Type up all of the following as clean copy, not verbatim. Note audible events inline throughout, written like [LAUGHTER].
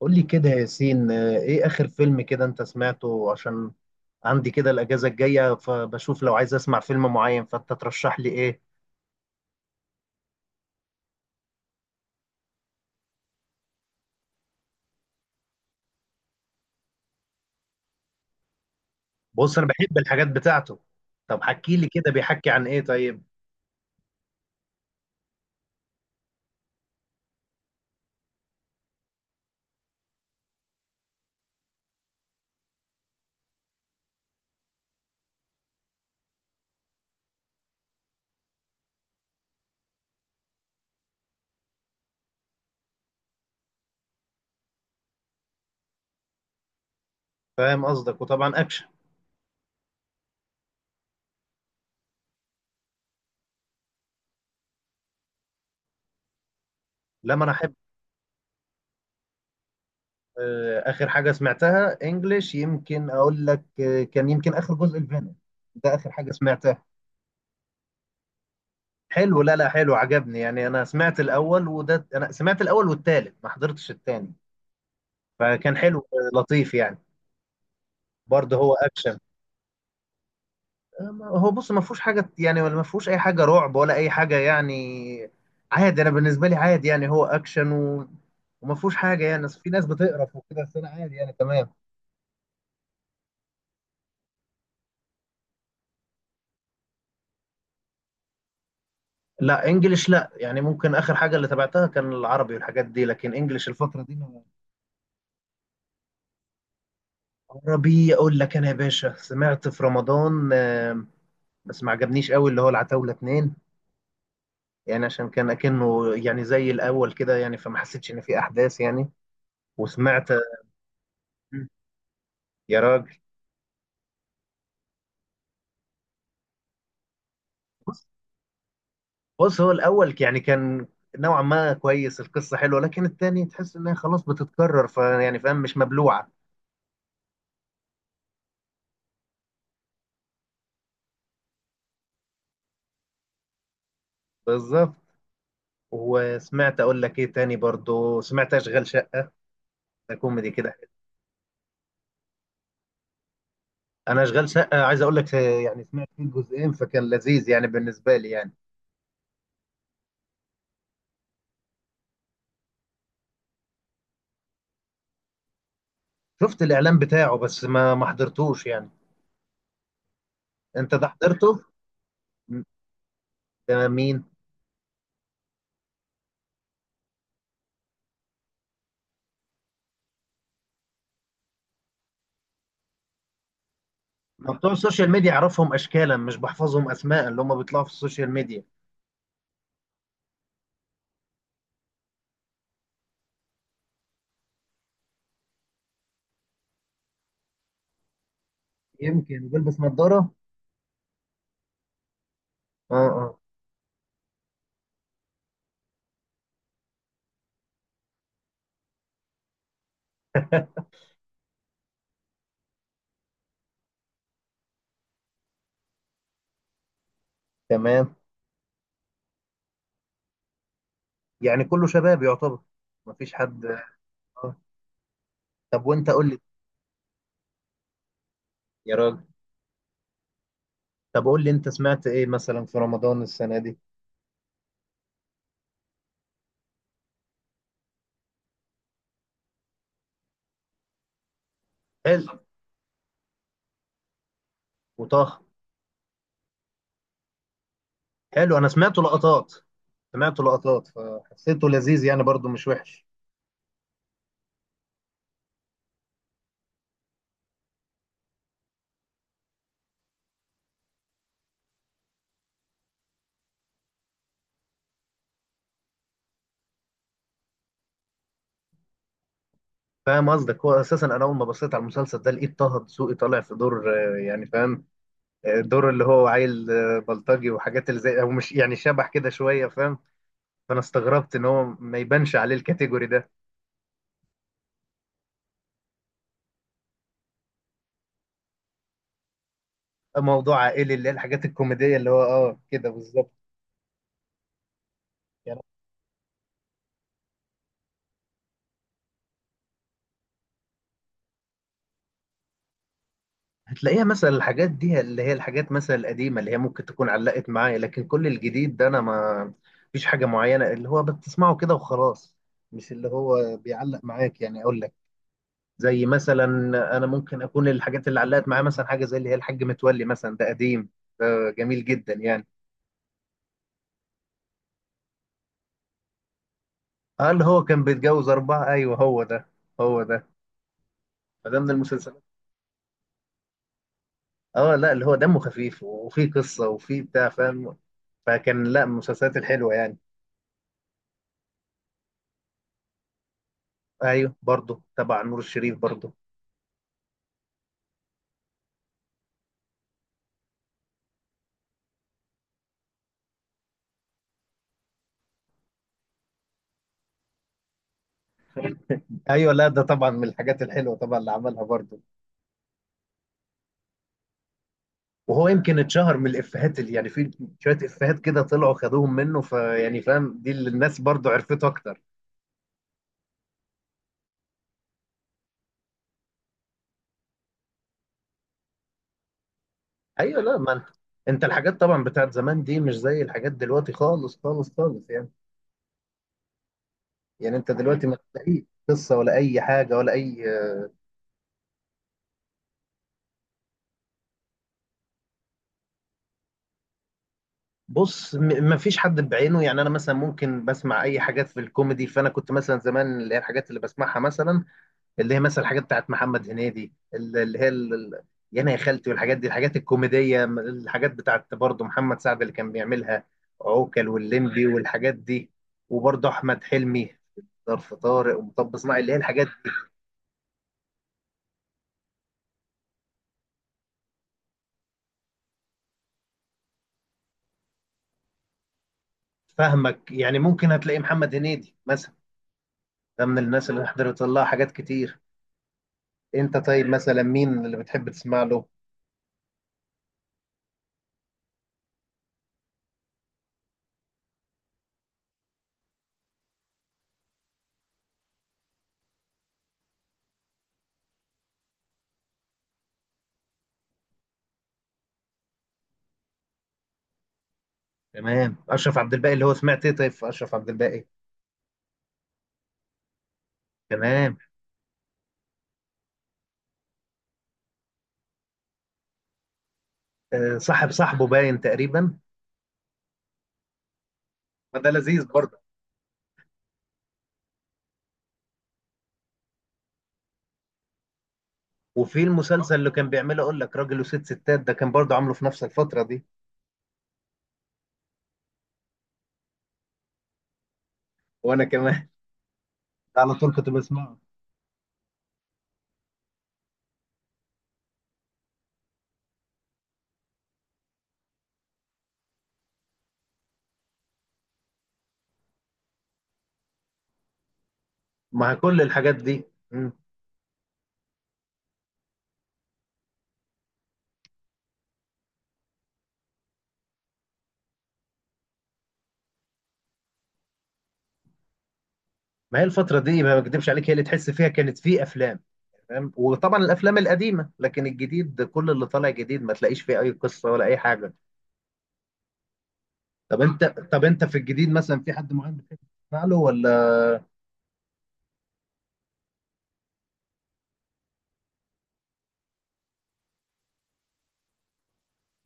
قول لي كده يا ياسين، ايه اخر فيلم كده انت سمعته؟ عشان عندي كده الاجازه الجايه، فبشوف لو عايز اسمع فيلم معين فانت ترشح لي ايه. بص، انا بحب الحاجات بتاعته. طب حكي لي كده، بيحكي عن ايه طيب؟ فاهم قصدك، وطبعا اكشن. لما انا احب. اخر حاجه سمعتها انجليش يمكن اقول لك، كان يمكن اخر جزء الفينوم. ده اخر حاجه سمعتها. حلو، لا لا، حلو عجبني يعني. انا سمعت الاول، وده انا سمعت الاول والتالت، ما حضرتش التاني، فكان حلو. لطيف يعني. برضه هو اكشن. هو بص ما فيهوش حاجه يعني، ولا ما فيهوش اي حاجه رعب ولا اي حاجه يعني. عادي، انا بالنسبه لي عادي يعني، هو اكشن وما فيهوش حاجه يعني، أصل في ناس بتقرف وكده، بس انا عادي يعني، تمام. لا انجلش لا، يعني ممكن اخر حاجه اللي تابعتها كان العربي والحاجات دي، لكن انجلش الفتره دي عربي اقول لك انا يا باشا، سمعت في رمضان، بس ما عجبنيش قوي، اللي هو العتاوله اتنين. يعني عشان كان اكنه يعني زي الاول كده يعني، فما حسيتش ان في احداث يعني. وسمعت. يا راجل. بص هو الاول يعني كان نوعا ما كويس، القصه حلوه، لكن التاني تحس انها خلاص بتتكرر، فيعني فاهم، مش مبلوعه. بالظبط. وسمعت اقول لك ايه تاني، برضو سمعت اشغال شقه، ده كوميدي كده. انا اشغال شقه عايز اقول لك يعني سمعت فيه جزئين، فكان لذيذ يعني بالنسبه لي يعني. شفت الاعلان بتاعه، بس ما حضرتوش يعني. انت ده حضرته؟ م- ده مين؟ ما بتوع السوشيال ميديا اعرفهم اشكالا، مش بحفظهم اسماء اللي هم بيطلعوا في السوشيال ميديا. يمكن بلبس نظاره. اه اه. تمام. يعني كله شباب يعتبر، مفيش حد. آه. طب وانت قول لي. يا راجل. طب قول لي انت سمعت ايه مثلا في رمضان السنة دي؟ حلو. وطه. حلو انا سمعته لقطات. سمعته لقطات فحسيته لذيذ يعني، برضو مش وحش. فاهم قصدك. هو اساسا انا اول ما بصيت على المسلسل ده، لقيت طه دسوقي طالع في دور، يعني فاهم، دور اللي هو عيل، بلطجي، وحاجات اللي زي، او مش يعني شبح كده شويه، فاهم. فانا استغربت ان هو ما يبانش عليه الكاتيجوري ده. موضوع عائلي، اللي هي الحاجات الكوميديه، اللي هو اه كده بالظبط. يعني هتلاقيها مثلا، الحاجات دي اللي هي الحاجات مثلا القديمة اللي هي ممكن تكون علقت معايا، لكن كل الجديد ده أنا ما فيش حاجة معينة اللي هو بتسمعه كده وخلاص، مش اللي هو بيعلق معاك، يعني أقول لك. زي مثلا أنا ممكن أكون الحاجات اللي علقت معايا، مثلا حاجة زي اللي هي الحاج متولي مثلا، ده قديم، ده جميل جدا يعني. اه، اللي هو كان بيتجوز أربعة، أيوه هو ده، هو ده. فده من المسلسلات. اه لا، اللي هو دمه خفيف، وفيه قصة، وفيه بتاع، فاهم. فكان لا، من المسلسلات الحلوة يعني. ايوه برضه تبع نور الشريف برضه. ايوه لا ده طبعا من الحاجات الحلوه طبعا اللي عملها برضه. وهو يمكن اتشهر من الافيهات، اللي يعني في شويه افيهات كده طلعوا خدوهم منه، فيعني فاهم، دي اللي الناس برضه عرفته اكتر. ايوه لا ما انت، انت الحاجات طبعا بتاعت زمان دي مش زي الحاجات دلوقتي، خالص خالص خالص يعني. يعني انت دلوقتي ما تلاقيش قصه ولا اي حاجه ولا اي. بص ما فيش حد بعينه يعني، انا مثلا ممكن بسمع اي حاجات في الكوميدي، فانا كنت مثلا زمان اللي هي الحاجات اللي بسمعها مثلا، اللي هي مثلا الحاجات بتاعت محمد هنيدي، اللي هي يانا يا خالتي والحاجات دي، الحاجات الكوميدية، الحاجات بتاعت برضه محمد سعد اللي كان بيعملها، عوكل واللمبي والحاجات دي. وبرضه أحمد حلمي، ظرف طارق ومطب صناعي، اللي هي الحاجات. فاهمك، يعني ممكن هتلاقي محمد هنيدي مثلا، ده من الناس اللي حضرت لها حاجات كتير. انت طيب مثلا مين اللي بتحب تسمع له؟ تمام، اشرف عبد الباقي اللي هو سمعت ايه طيب في اشرف عبد الباقي؟ تمام. أه صاحب صاحبه باين تقريبا. فده لذيذ برضه. وفي المسلسل اللي كان بيعمله اقول لك، راجل وست ستات ده، كان برضه عامله في نفس الفترة دي. وانا كمان. [LAUGHS] على طول كنت بسمعه. مع كل الحاجات دي. مم. ما هي الفترة دي ما بكدبش عليك، هي اللي تحس فيها كانت في أفلام. تمام، وطبعا الأفلام القديمة، لكن الجديد كل اللي طالع جديد ما تلاقيش فيه أي قصة ولا أي حاجة. طب أنت في الجديد مثلا في حد معين بتحب تسمع له ولا؟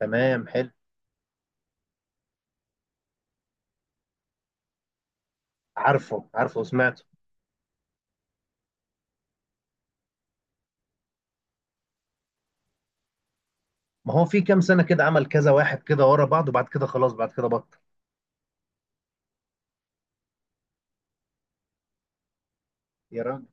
تمام حلو. عارفه عارفه وسمعته. ما هو في كام سنة كده عمل كذا واحد كده ورا بعض، وبعد كده خلاص، بعد كده بطل. يا راجل.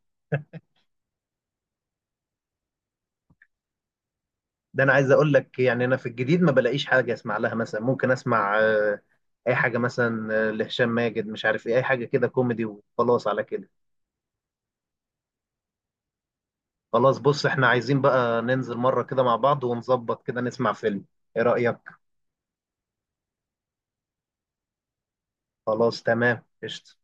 ده انا عايز اقول لك يعني انا في الجديد ما بلاقيش حاجه اسمع لها، مثلا ممكن اسمع اي حاجه مثلا، لهشام ماجد، مش عارف ايه، اي حاجه كده كوميدي وخلاص، على كده. خلاص بص احنا عايزين بقى ننزل مره كده مع بعض ونظبط كده نسمع فيلم، ايه رايك؟ خلاص تمام قشطه.